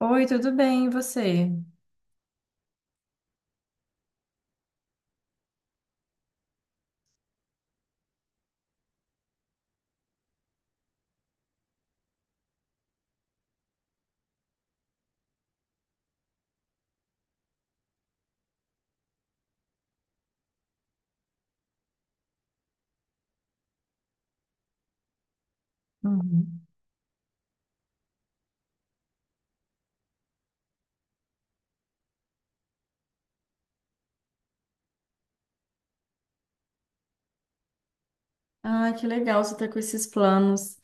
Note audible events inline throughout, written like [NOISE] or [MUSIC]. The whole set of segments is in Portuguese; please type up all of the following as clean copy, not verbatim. Oi, tudo bem, e você? Uhum. Ah, que legal você tá com esses planos.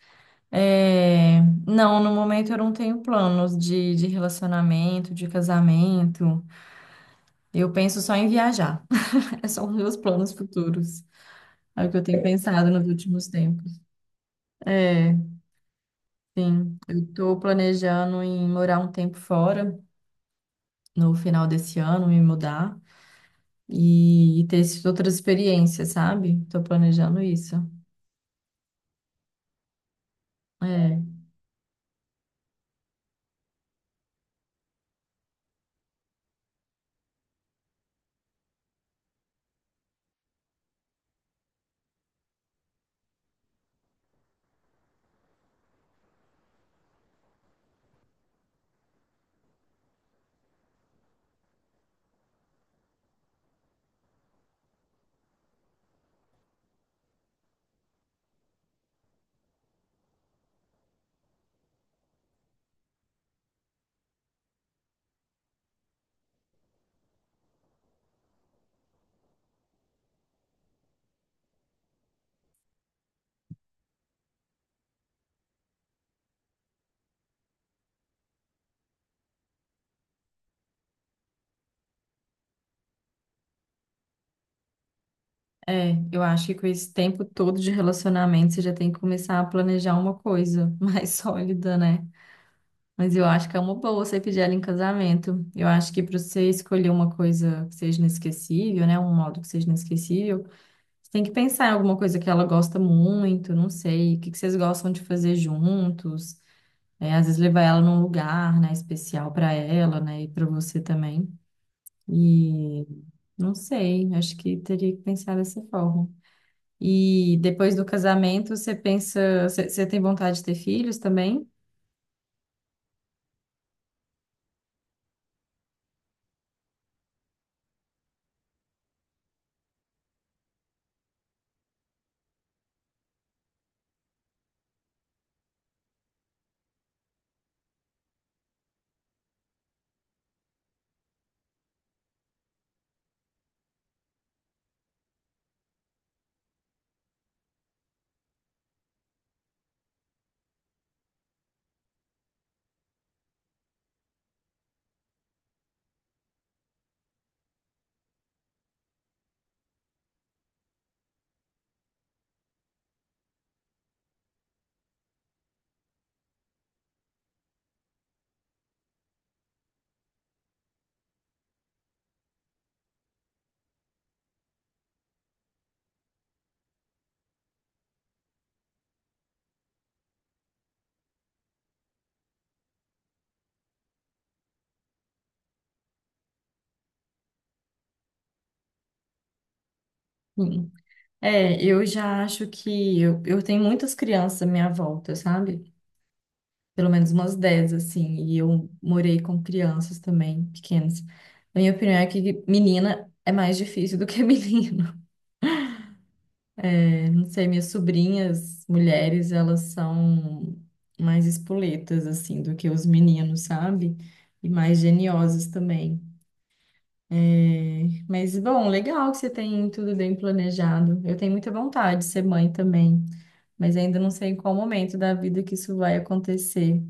É, não, no momento eu não tenho planos de relacionamento, de casamento. Eu penso só em viajar. [LAUGHS] Esses são os meus planos futuros. É o que eu tenho pensado nos últimos tempos. É, sim. Eu tô planejando em morar um tempo fora no final desse ano, me mudar e ter essas outras experiências, sabe? Tô planejando isso. É. É, eu acho que com esse tempo todo de relacionamento você já tem que começar a planejar uma coisa [LAUGHS] mais sólida, né? Mas eu acho que é uma boa você pedir ela em casamento. Eu acho que para você escolher uma coisa que seja inesquecível, né? Um modo que seja inesquecível, você tem que pensar em alguma coisa que ela gosta muito, não sei, o que que vocês gostam de fazer juntos. É, às vezes levar ela num lugar, né, especial para ela, né, e para você também. E não sei, acho que teria que pensar dessa forma. E depois do casamento, você pensa, você tem vontade de ter filhos também? Sim. É, eu já acho que eu tenho muitas crianças à minha volta, sabe? Pelo menos umas 10 assim, e eu morei com crianças também, pequenas. A minha opinião é que menina é mais difícil do que [LAUGHS] menino. Eu não sei, minhas sobrinhas, mulheres, elas são mais espoletas, assim, do que os meninos, sabe? E mais geniosas também. É, mas, bom, legal que você tem tudo bem planejado. Eu tenho muita vontade de ser mãe também, mas ainda não sei em qual momento da vida que isso vai acontecer.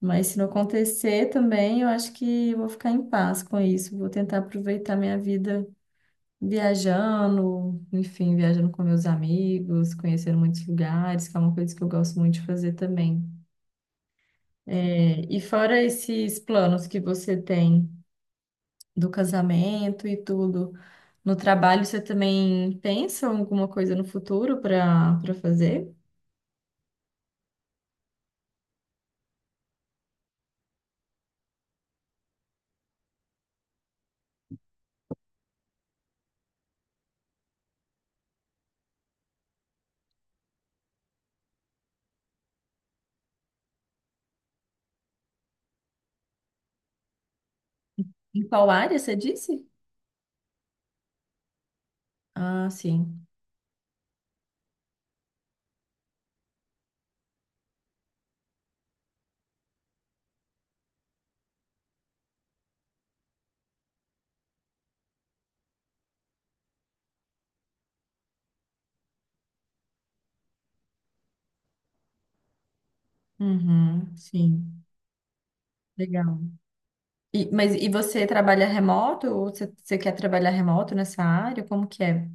Mas se não acontecer também, eu acho que eu vou ficar em paz com isso. Vou tentar aproveitar minha vida viajando, enfim, viajando com meus amigos, conhecendo muitos lugares, que é uma coisa que eu gosto muito de fazer também. É, e fora esses planos que você tem do casamento e tudo. No trabalho, você também pensa em alguma coisa no futuro para fazer? Em qual área você disse? Ah, sim. Uhum, sim. Legal. E, mas e você trabalha remoto? Ou você quer trabalhar remoto nessa área? Como que é?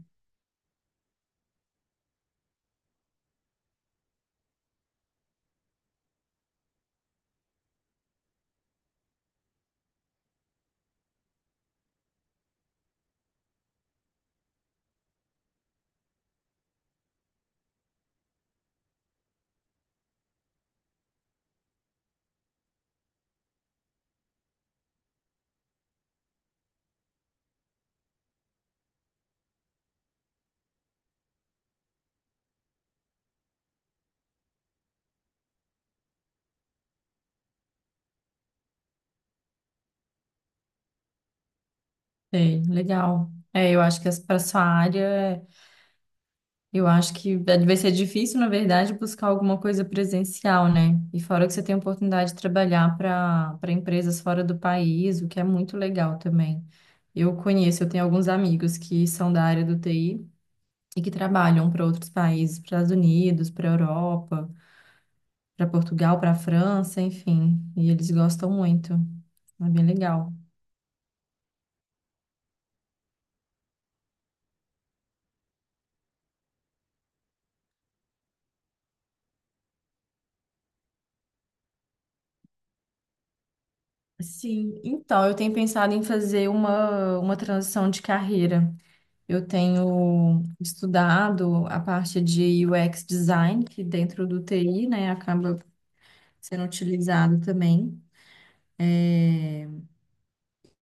Sei, legal. É, eu acho que para sua área. Eu acho que é, vai ser difícil, na verdade, buscar alguma coisa presencial, né? E fora que você tem a oportunidade de trabalhar para empresas fora do país, o que é muito legal também. Eu conheço, eu tenho alguns amigos que são da área do TI e que trabalham para outros países, para os Estados Unidos, para a Europa, para Portugal, para a França, enfim. E eles gostam muito. É bem legal. Sim, então eu tenho pensado em fazer uma transição de carreira. Eu tenho estudado a parte de UX design, que dentro do TI, né, acaba sendo utilizado também.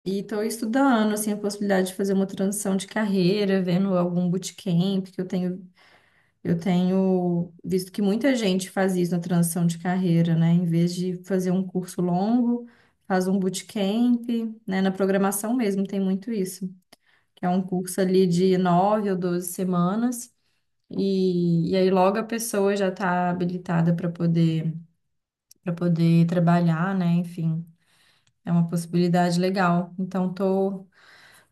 E estou estudando, assim, a possibilidade de fazer uma transição de carreira, vendo algum bootcamp, que eu tenho visto que muita gente faz isso na transição de carreira, né? Em vez de fazer um curso longo, faz um bootcamp, né? Na programação mesmo tem muito isso, que é um curso ali de 9 ou 12 semanas. E aí logo a pessoa já está habilitada para poder trabalhar, né? Enfim, é uma possibilidade legal. Então tô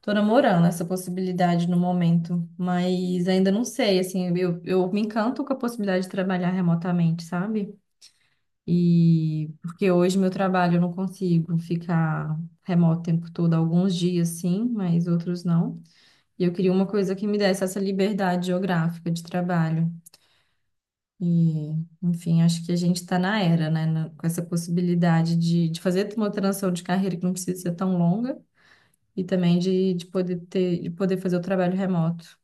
tô namorando essa possibilidade no momento, mas ainda não sei, assim, eu me encanto com a possibilidade de trabalhar remotamente, sabe? E porque hoje meu trabalho eu não consigo ficar remoto o tempo todo, alguns dias sim, mas outros não. E eu queria uma coisa que me desse essa liberdade geográfica de trabalho. E, enfim, acho que a gente está na era, né, na- com essa possibilidade de fazer uma transição de carreira que não precisa ser tão longa e também de poder ter, de poder fazer o trabalho remoto.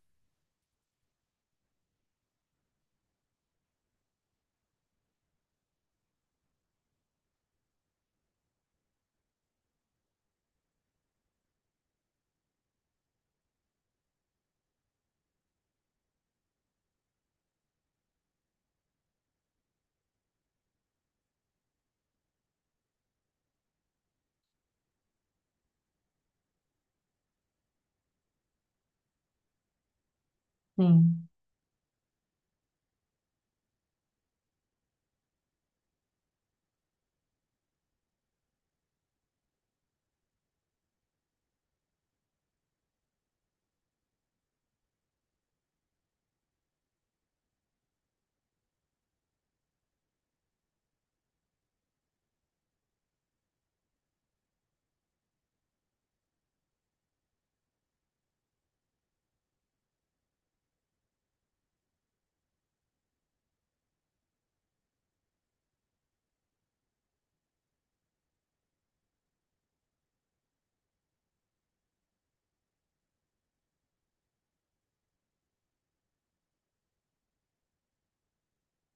Sim,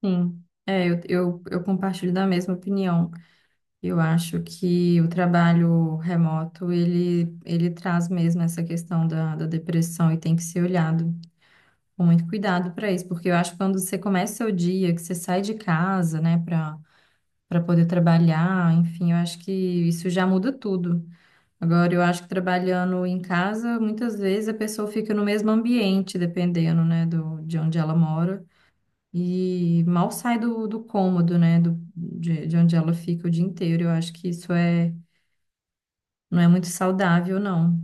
sim. É, eu compartilho da mesma opinião. Eu acho que o trabalho remoto, ele traz mesmo essa questão da depressão e tem que ser olhado com muito cuidado para isso, porque eu acho que quando você começa o dia, que você sai de casa, né, para poder trabalhar, enfim, eu acho que isso já muda tudo. Agora, eu acho que trabalhando em casa, muitas vezes a pessoa fica no mesmo ambiente, dependendo, né, do, de onde ela mora, e mal sai do, do cômodo, né, do, de onde ela fica o dia inteiro. Eu acho que isso é, não é muito saudável, não.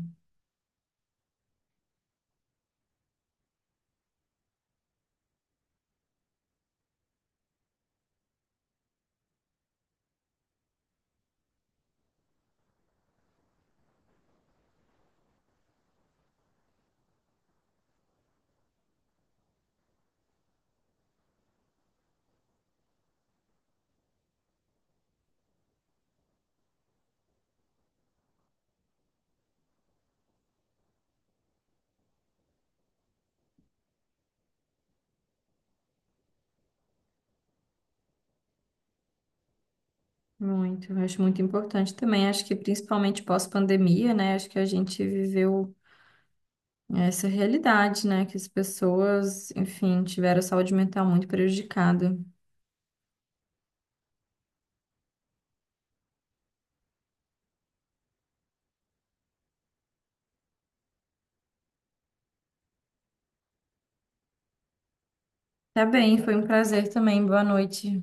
Muito, eu acho muito importante também. Acho que principalmente pós-pandemia, né, acho que a gente viveu essa realidade, né, que as pessoas, enfim, tiveram a saúde mental muito prejudicada. Tá bem, foi um prazer também. Boa noite.